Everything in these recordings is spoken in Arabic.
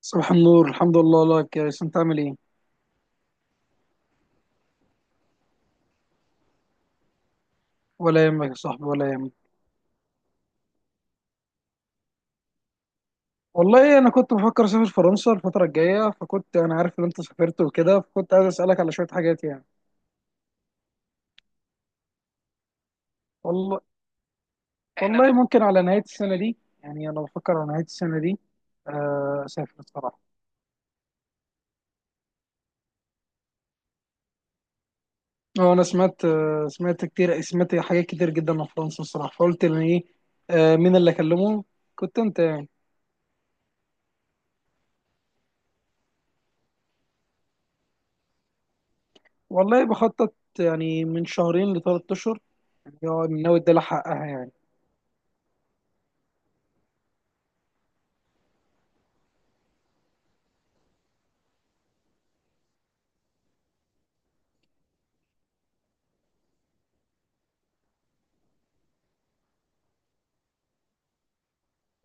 صباح النور، الحمد لله لك يا ريس، انت عامل ايه؟ ولا يهمك يا صاحبي، ولا يهمك. والله انا كنت بفكر اسافر فرنسا الفتره الجايه، فكنت انا عارف ان انت سافرت وكده، فكنت عايز اسالك على شويه حاجات يعني. والله والله ممكن على نهايه السنه دي، يعني انا بفكر على نهايه السنه دي. اسافر الصراحه. اه، انا سمعت كتير، سمعت حاجات كتير جدا عن فرنسا الصراحه، فقلت ان ايه. مين اللي اكلمه؟ كنت انت يعني. والله بخطط، يعني من شهرين لثلاث اشهر، يعني هو ناوي ادي لها حقها يعني.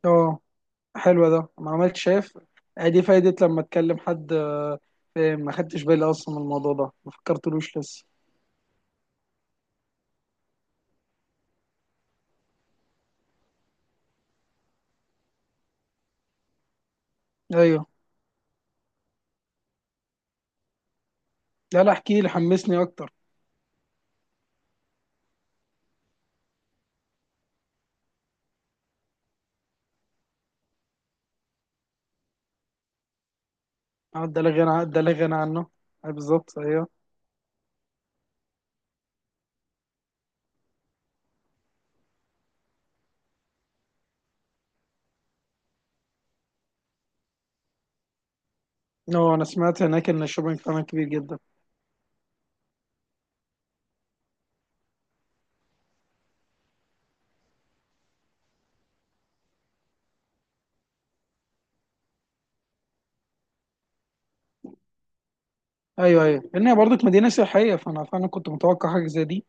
اه، حلو ده، ما عملتش شايف. ادي فايدة لما اتكلم حد، فاهم، ما خدتش بالي اصلا من الموضوع ده، ما فكرتلوش لسه. ايوه. لا لا، احكي لي، حمسني اكتر. ده لا غنى عنه. بالظبط، ايوه. اه، انا سمعت هناك ان الشوبينج فعلا كبير جدا. ايوه ايوه، لان هي برضك مدينه سياحيه، فانا فعلا كنت متوقع حاجه زي دي.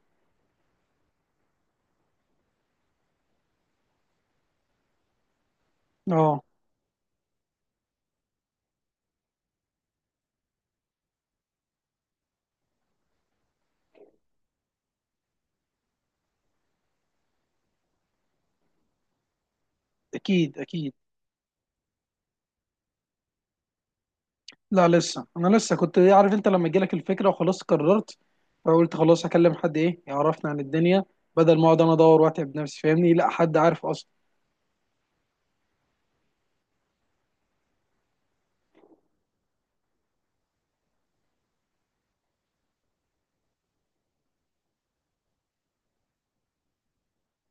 اه. اكيد اكيد. لا لسه، انا لسه كنت عارف انت لما جالك الفكره وخلاص قررت، فقلت خلاص هكلم حد ايه يعرفنا عن الدنيا، بدل ما اقعد انا ادور واتعب نفسي، فاهمني، لا حد عارف اصلا.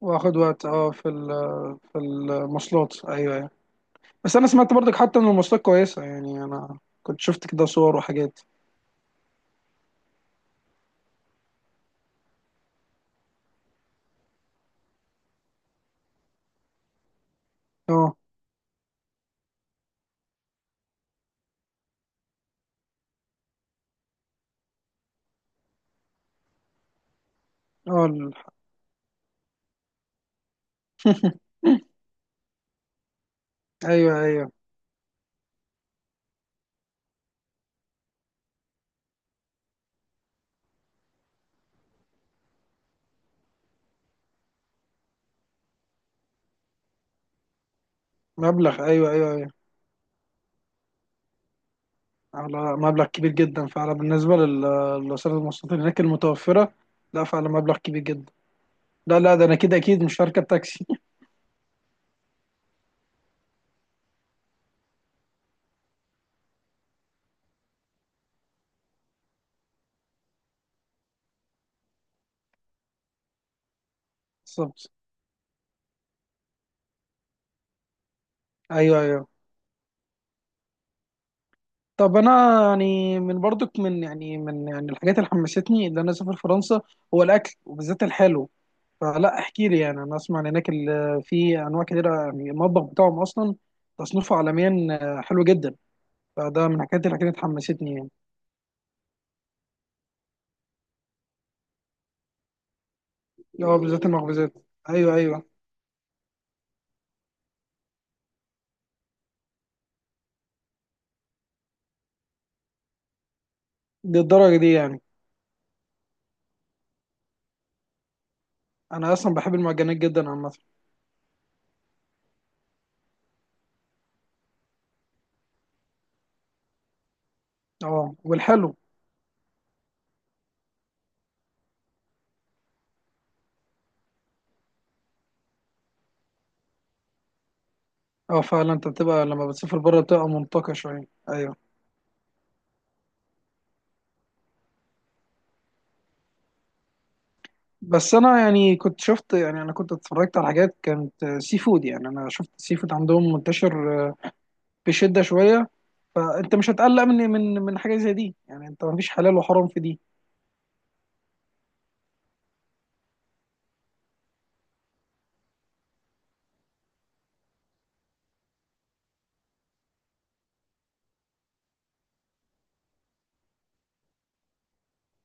واخد وقت، في المواصلات، ايوه ايوه. بس انا سمعت برضك حتى ان المواصلات كويسه، يعني انا كنت شفت كده صور وحاجات. اه اه، ايوه ايوه، مبلغ، ايوه ايوه ايوه، على مبلغ كبير جدا فعلا، بالنسبه لوسائل المواصلات اللي هناك المتوفره. لا، فعلا مبلغ كبير جدا. لا لا، ده انا كده اكيد مش هركب تاكسي. بالظبط، ايوه ايوه. طب انا يعني من برضك من يعني من يعني الحاجات اللي حمستني ان انا اسافر فرنسا، هو الاكل وبالذات الحلو. فلا، احكي لي، يعني انا اسمع ان هناك في انواع كتيره، يعني المطبخ بتاعهم اصلا تصنيفه عالميا حلو جدا، فده من الحاجات اللي كانت حمستني يعني. اه، بالذات المخبوزات. ايوه ايوه، للدرجه دي يعني. انا اصلا بحب المعجنات جدا عامه. اه، والحلو. اه فعلا، انت بتبقى لما بتسافر بره بتبقى منطقه شويه، ايوه. بس انا يعني كنت شفت، يعني انا كنت اتفرجت على حاجات كانت سي فود، يعني انا شفت السي فود عندهم منتشر بشده شويه، فانت مش هتقلق من حاجه زي دي، يعني انت مفيش حلال وحرام في دي.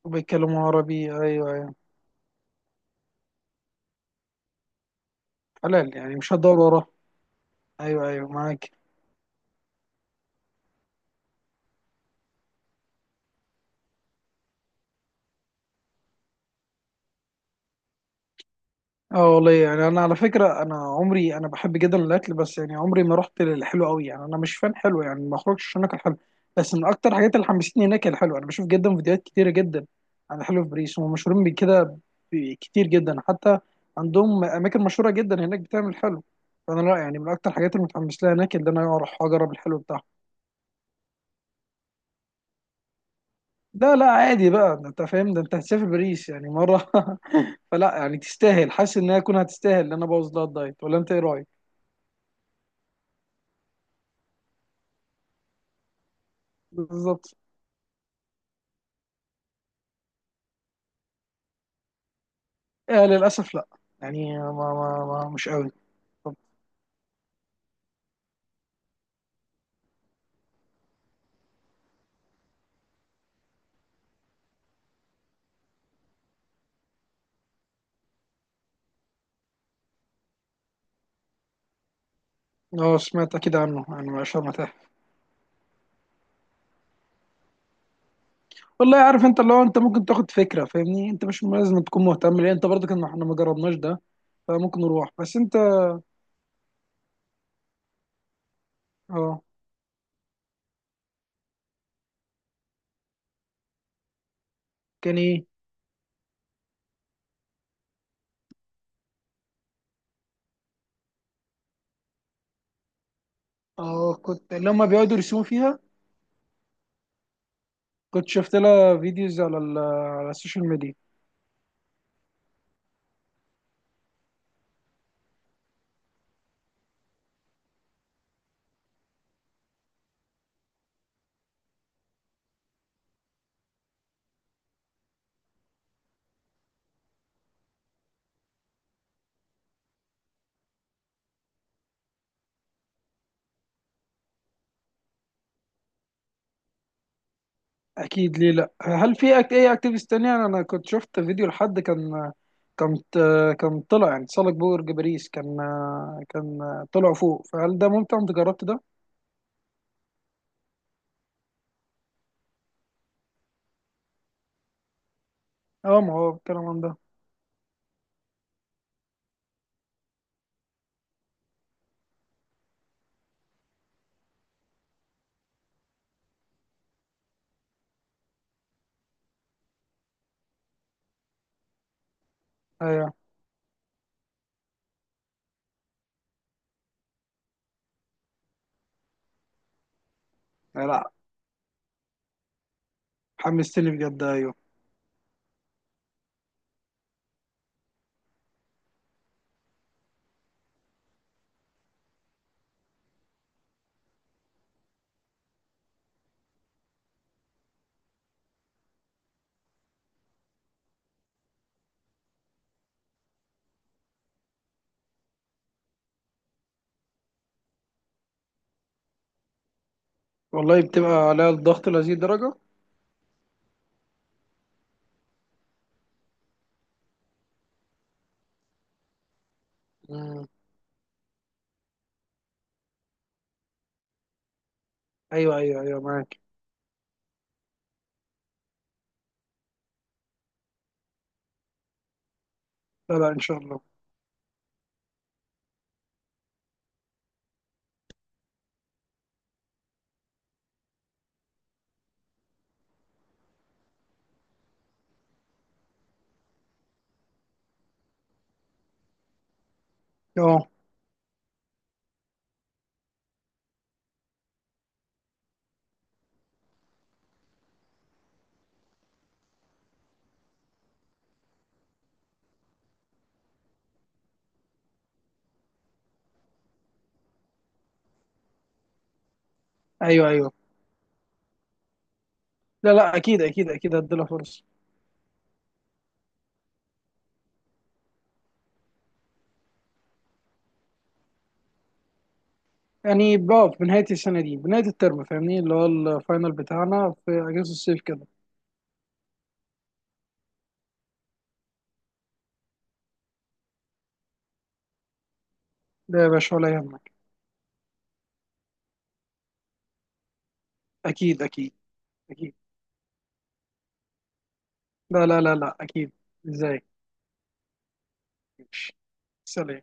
وبيتكلموا عربي، ايوه. ايوه، حلال، يعني مش هتدور وراه. ايوه ايوه، معاك. اه والله، يعني انا على فكره انا عمري انا بحب جدا الاكل، بس يعني عمري ما رحت للحلو قوي، يعني انا مش فان حلو، يعني ما اخرجش عشان اكل حلو. بس من اكتر الحاجات اللي حمستني هناك هي الحلو، انا بشوف جدا فيديوهات كتيره جدا عن الحلو في باريس، هم مشهورين بكده كتير جدا حتى، عندهم اماكن مشهوره جدا هناك بتعمل حلو، فانا لا يعني من اكتر الحاجات اللي متحمس لها هناك اللي انا اروح اجرب الحلو بتاعهم. لا لا، عادي بقى، ده انت فاهم، ده انت هتسافر باريس يعني مره. فلا يعني تستاهل، حاسس انها تكون هتستاهل ان انا ابوظ لها الدايت، ولا انت ايه رايك؟ بالظبط. آه، للاسف لا، يعني ما ما ما مش قوي. طب. اه، سمعت اكيد عنه يعني ما شاء الله تعالى. والله عارف، انت اللي هو انت ممكن تاخد فكره فاهمني، انت مش لازم تكون مهتم، لان انت برضه كان احنا ما جربناش ده، فممكن نروح، بس انت. اه، كان ايه؟ اه، كنت لما بيقعدوا يرسموا فيها، كنت شفت لها فيديوز على السوشيال ميديا. اكيد، ليه لا؟ هل في اي اكتيفيست تانية؟ انا كنت شفت فيديو لحد كان، كان طلع يعني تسلق برج باريس، كان كان طلع فوق، فهل ده ممتع؟ انت جربت ده؟ اه، ما هو الكلام عن ده. ايوه. لا، حمستني بجد، ايوه. والله بتبقى عليها الضغط لهذه الدرجة؟ مم. ايوه ايوه ايوه، معاك. لا لا، ان شاء الله. اه، ايوه ايوه. لا لا، اكيد اكيد اكيد، هديلها فرصة. يعني بقى في نهاية السنة دي، بنهاية الترم فاهمني اللي هو الفاينل بتاعنا في اجازة الصيف كده. ده يا باشا، ولا يهمك. اكيد اكيد اكيد، لا لا لا لا، اكيد. ازاي؟ ماشي، سلام.